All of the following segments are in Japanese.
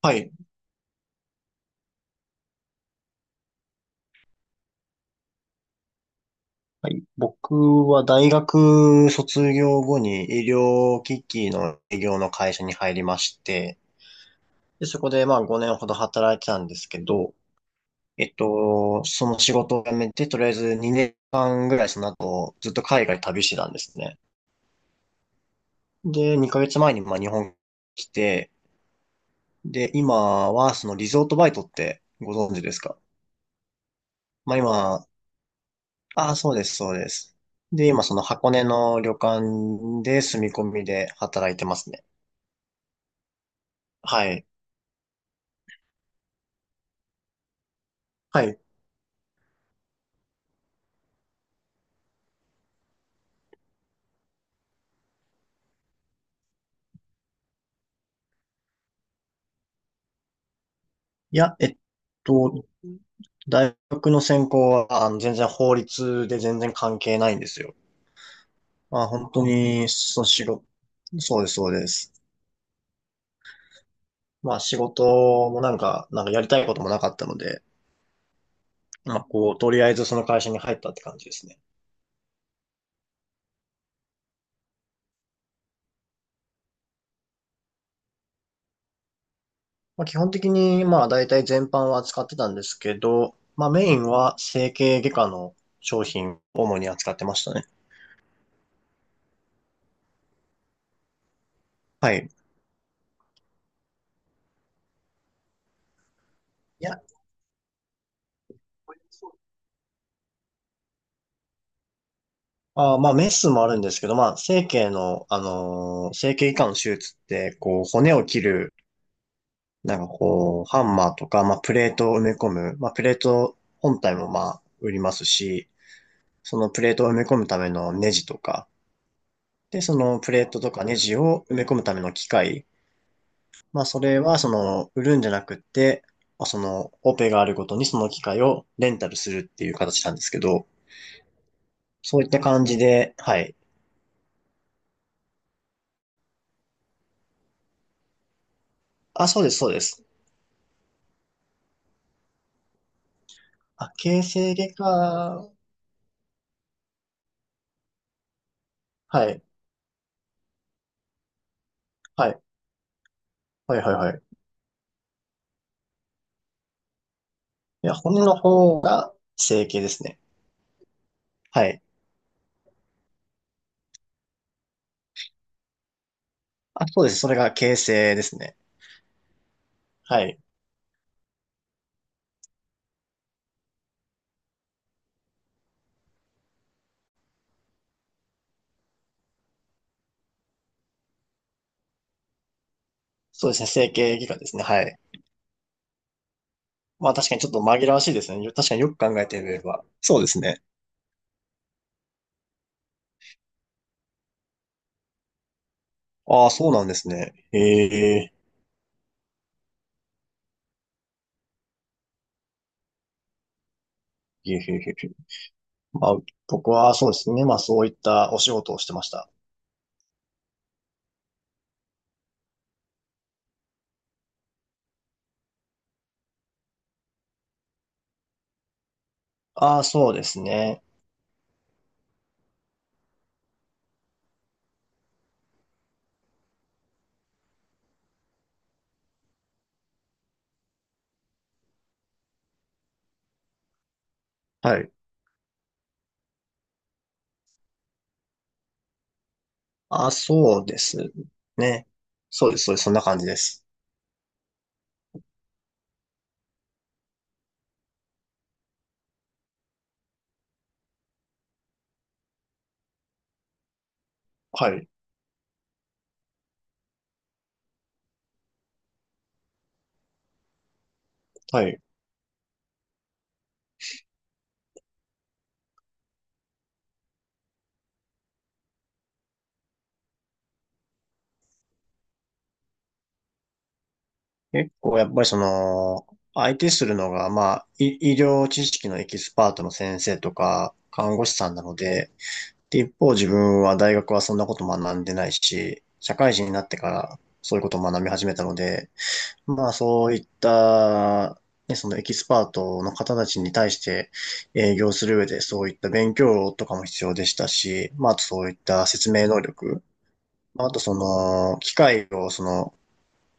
はい。はい、僕は大学卒業後に医療機器の営業の会社に入りまして、で、そこでまあ5年ほど働いてたんですけど、その仕事を辞めて、とりあえず2年間ぐらいその後ずっと海外旅してたんですね。で、2ヶ月前にまあ日本に来て、で、今はそのリゾートバイトってご存知ですか？まあ今、ああ、そうです、そうです。で、今その箱根の旅館で住み込みで働いてますね。はい。はい。いや、と、大学の専攻は、全然法律で全然関係ないんですよ。まあ、本当に、そう、仕事、そうです、そうです。まあ、仕事もなんかやりたいこともなかったので、まあ、こう、とりあえずその会社に入ったって感じですね。まあ、基本的に、まあ、大体全般は扱ってたんですけど、まあ、メインは整形外科の商品を主に扱ってましたね。はい。いやまあ、メスもあるんですけど、まあ、整形の、整形外科の手術って、こう、骨を切る、なんかこう、ハンマーとか、まあ、プレートを埋め込む、まあ、プレート本体もまあ、売りますし、そのプレートを埋め込むためのネジとか、で、そのプレートとかネジを埋め込むための機械、まあ、それは、その、売るんじゃなくって、まあ、その、オペがあるごとにその機械をレンタルするっていう形なんですけど、そういった感じで、はい。あ、そうです、そうです。あ、形成外科はい。はい。はいはいはい。いや、骨の方が整形ですね。はい。あ、そうです。それが形成ですね。はい。そうですね。整形外科ですね。はい。まあ確かにちょっと紛らわしいですね。確かによく考えてみれば。そうですね。ああ、そうなんですね。へえ。へえへえへえ。まあ、僕はそうですね。まあそういったお仕事をしてました。ああ、そうですね。はい。ああ、そうですね。そうです。そうです。そんな感じです。はい。はい。結構やっぱりその、相手するのが、まあ、医療知識のエキスパートの先生とか、看護師さんなので、で、一方自分は大学はそんなこと学んでないし、社会人になってからそういうことを学び始めたので、まあそういった、ね、そのエキスパートの方たちに対して営業する上でそういった勉強とかも必要でしたし、まああとそういった説明能力、まああとその機械をその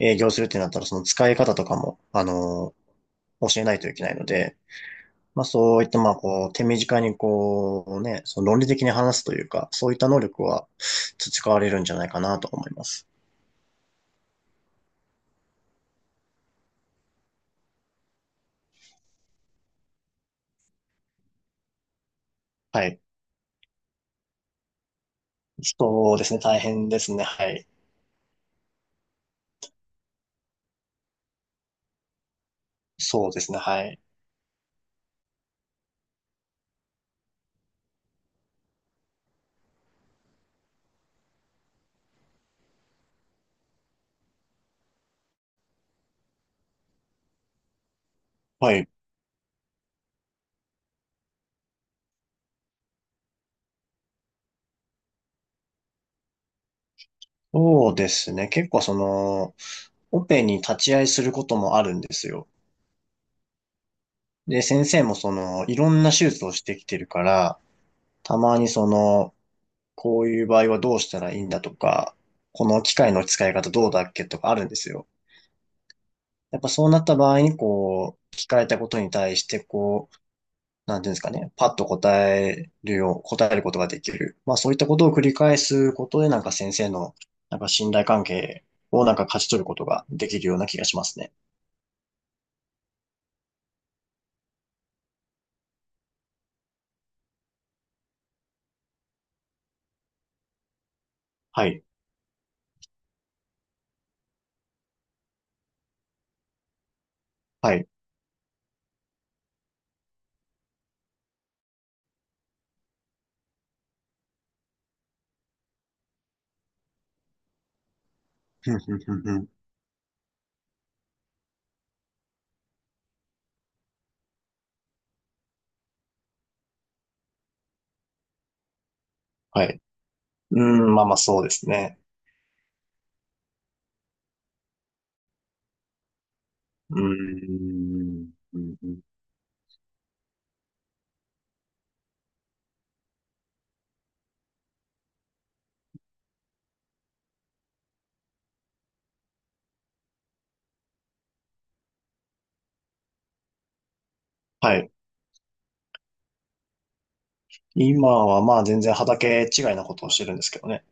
営業するってなったら、その使い方とかも、教えないといけないので、まあそういった、まあこう、手短にこうね、その論理的に話すというか、そういった能力は培われるんじゃないかなと思います。はい。そうですね、大変ですね、はい。そうですね、はい。はい。そうですね、結構その、オペに立ち会いすることもあるんですよ。で、先生もその、いろんな手術をしてきてるから、たまにその、こういう場合はどうしたらいいんだとか、この機械の使い方どうだっけとかあるんですよ。やっぱそうなった場合に、こう、聞かれたことに対して、こう、なんていうんですかね、パッと答えるよう、答えることができる。まあそういったことを繰り返すことで、なんか先生の、なんか信頼関係をなんか勝ち取ることができるような気がしますね。はい。はい。ふんふんふんふんはい。うーん、まあまあそうですね。うーん。うんうんはい。今はまあ全然畑違いなことをしてるんですけどね。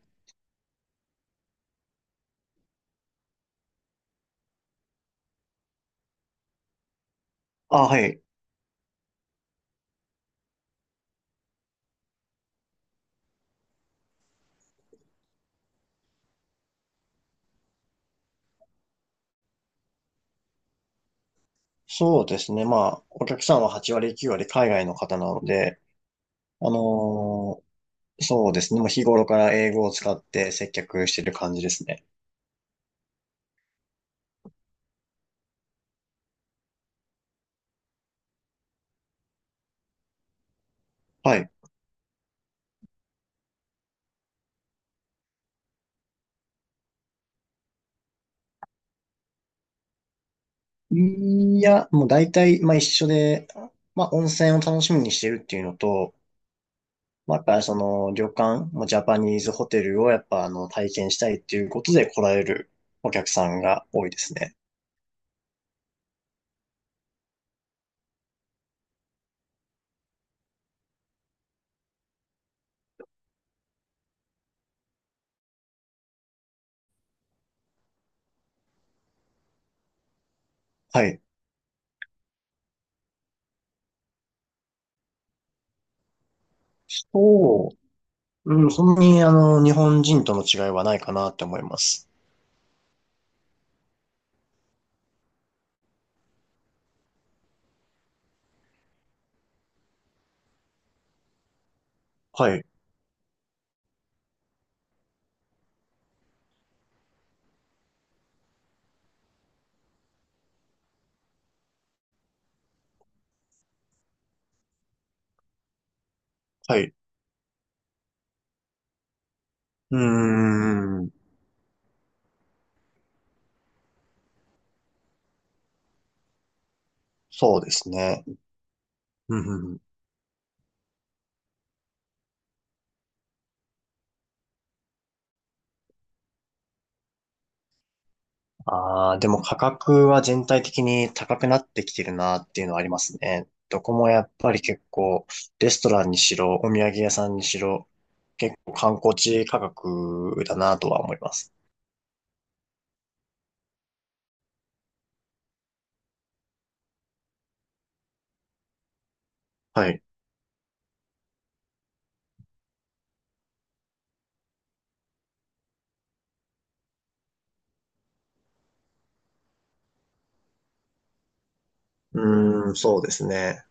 あ、はい。そうですね。まあ、お客さんは8割9割海外の方なので、あのーそうですね。もう日頃から英語を使って接客してる感じですね。はい。いや、もう大体、まあ一緒で、まあ温泉を楽しみにしてるっていうのと、まあやっぱりその旅館、もうジャパニーズホテルをやっぱあの体験したいっていうことで来られるお客さんが多いですね。はい。そううん、そんなに、あの、日本人との違いはないかなって思います。はい、はい。うーん、そうですね。うん、うんうん。ああ、でも価格は全体的に高くなってきてるなっていうのはありますね。どこもやっぱり結構、レストランにしろ、お土産屋さんにしろ、結構観光地価格だなとは思います。はい。うーん、そうですね。